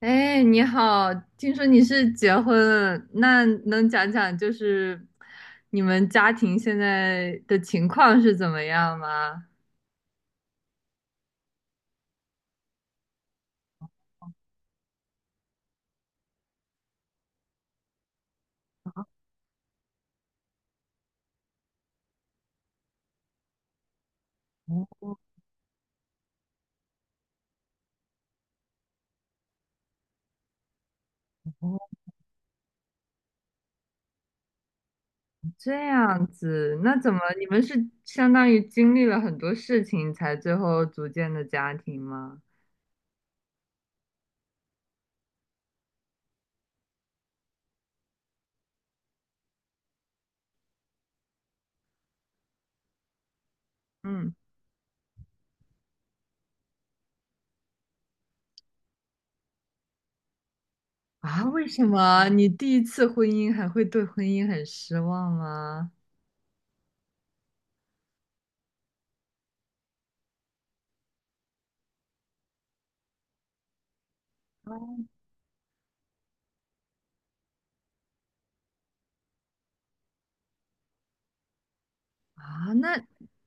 哎，你好，听说你是结婚了，那能讲讲你们家庭现在的情况是怎么样吗？哦，这样子，那怎么你们是相当于经历了很多事情才最后组建的家庭吗？嗯。啊，为什么你第一次婚姻还会对婚姻很失望吗？啊，那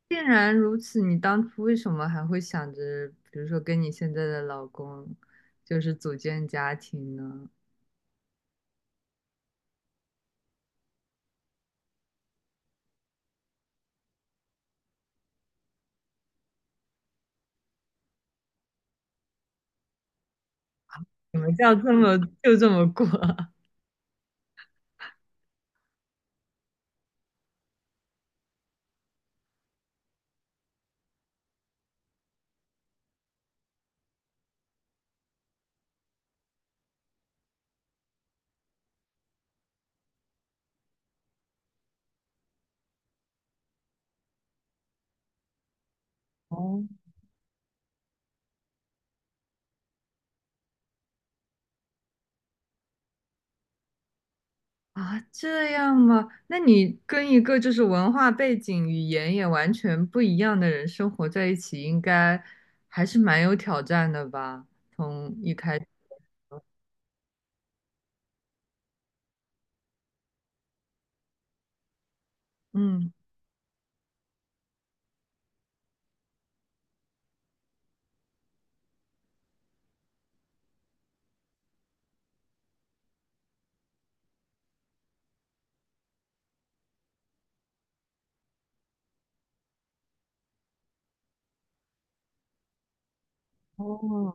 既然如此，你当初为什么还会想着，比如说跟你现在的老公，组建家庭呢？你们叫这么就这么过啊？哦。啊，这样吗？那你跟一个文化背景、语言也完全不一样的人生活在一起，应该还是蛮有挑战的吧？从一开始，嗯。哦。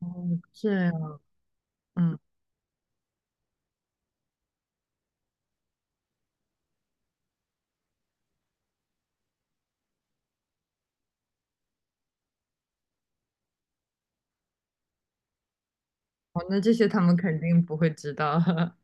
哦，这样。嗯。哦，那这些他们肯定不会知道。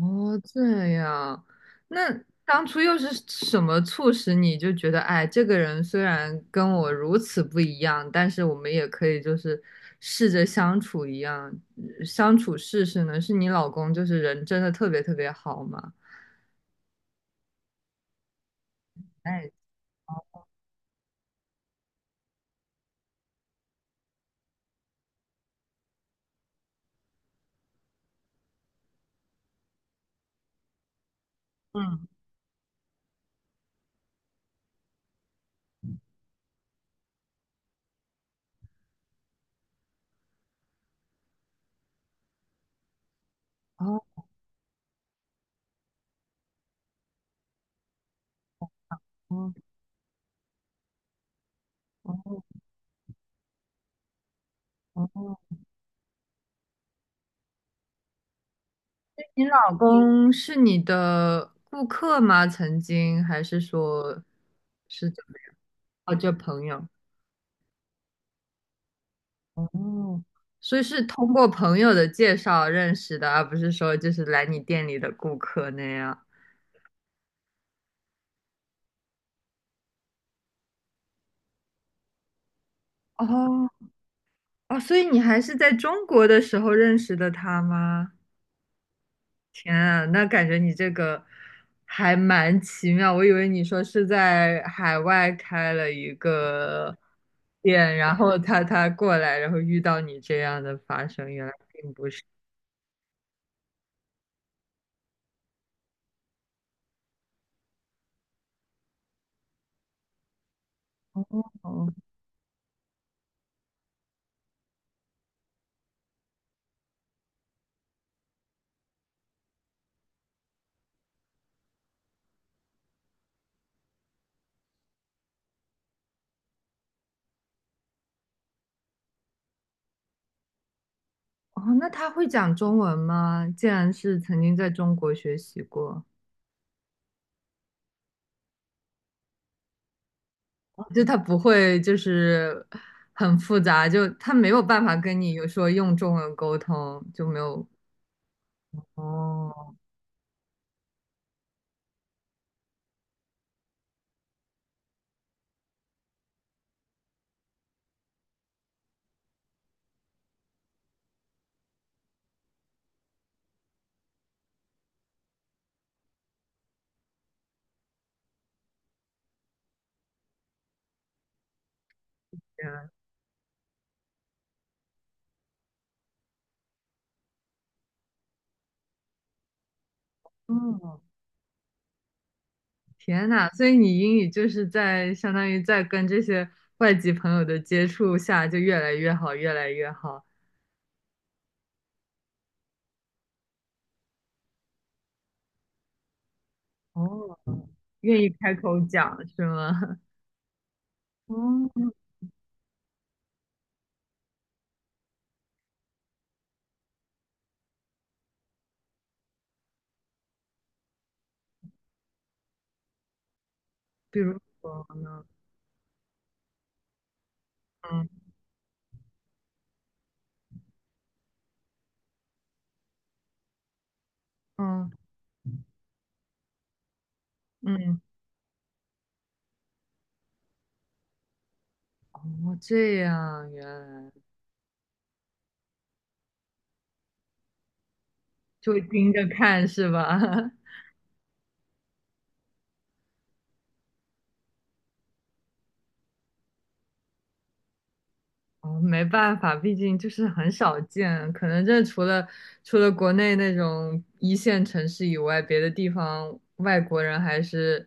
哦，这样。那当初又是什么促使你就觉得，哎，这个人虽然跟我如此不一样，但是我们也可以试着相处一样，相处试试呢？是你老公人真的特别特别好吗？哎。哦。嗯。哦，你老公是你的顾客吗？曾经还是说是怎么样？哦，就朋友。哦，所以是通过朋友的介绍认识的，而不是说来你店里的顾客那样。哦。哦，所以你还是在中国的时候认识的他吗？天啊，那感觉你这个还蛮奇妙。我以为你说是在海外开了一个店，然后他过来，然后遇到你这样的发生，原来。哦。哦，那他会讲中文吗？既然是曾经在中国学习过。就他不会很复杂，就他没有办法跟你有说用中文沟通，就没有。哦，原来。哦，天呐，所以你英语就是在相当于在跟这些外籍朋友的接触下就越来越好，越来越好。哦，愿意开口讲是吗？哦，比如说呢？嗯。嗯。嗯。哦，这样，原来就盯着看是吧？哦，没办法，毕竟就是很少见，可能这除了国内那种一线城市以外，别的地方外国人还是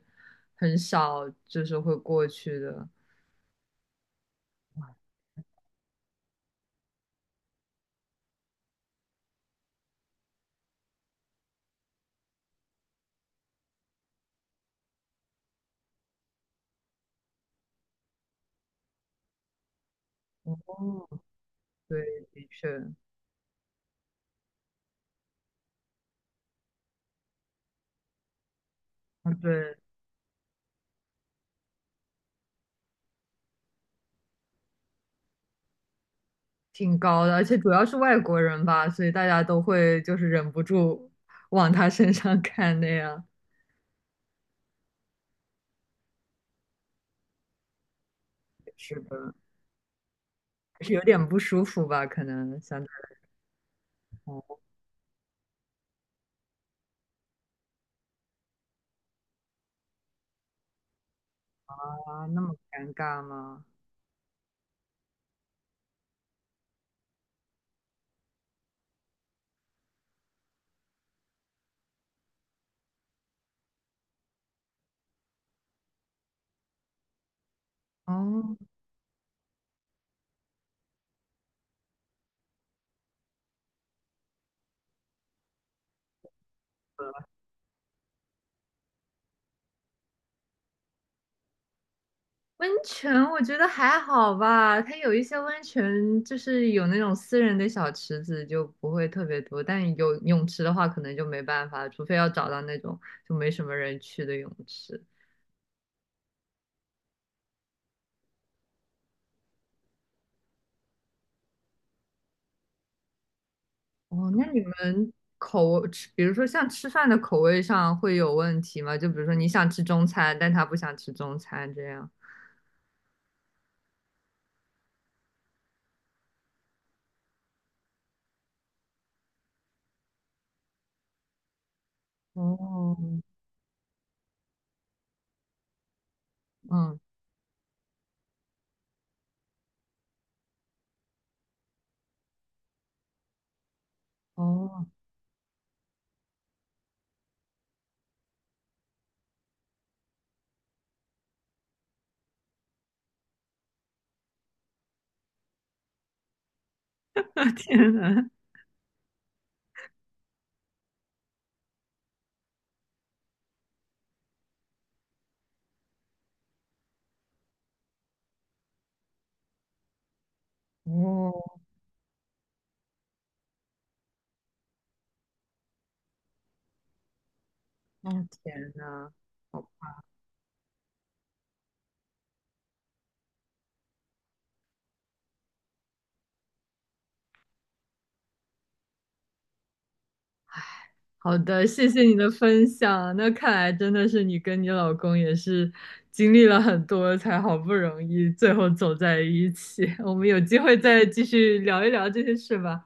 很少，就是会过去的。哦。对，的确。嗯。对，挺高的，而且主要是外国人吧，所以大家都会就是忍不住往他身上看那样。是的，是有点不舒服吧？可能想着，哇，那么尴尬吗？哦。温泉我觉得还好吧，它有一些温泉就是有那种私人的小池子，就不会特别多。但有泳池的话，可能就没办法了，除非要找到那种就没什么人去的泳池。哦，那你们口吃，比如说像吃饭的口味上会有问题吗？就比如说你想吃中餐，但他不想吃中餐这样。哦。嗯。哦。天呐。哦。哦，天呐。好的，谢谢你的分享。那看来真的是你跟你老公也是经历了很多，才好不容易最后走在一起。我们有机会再继续聊一聊这些事吧。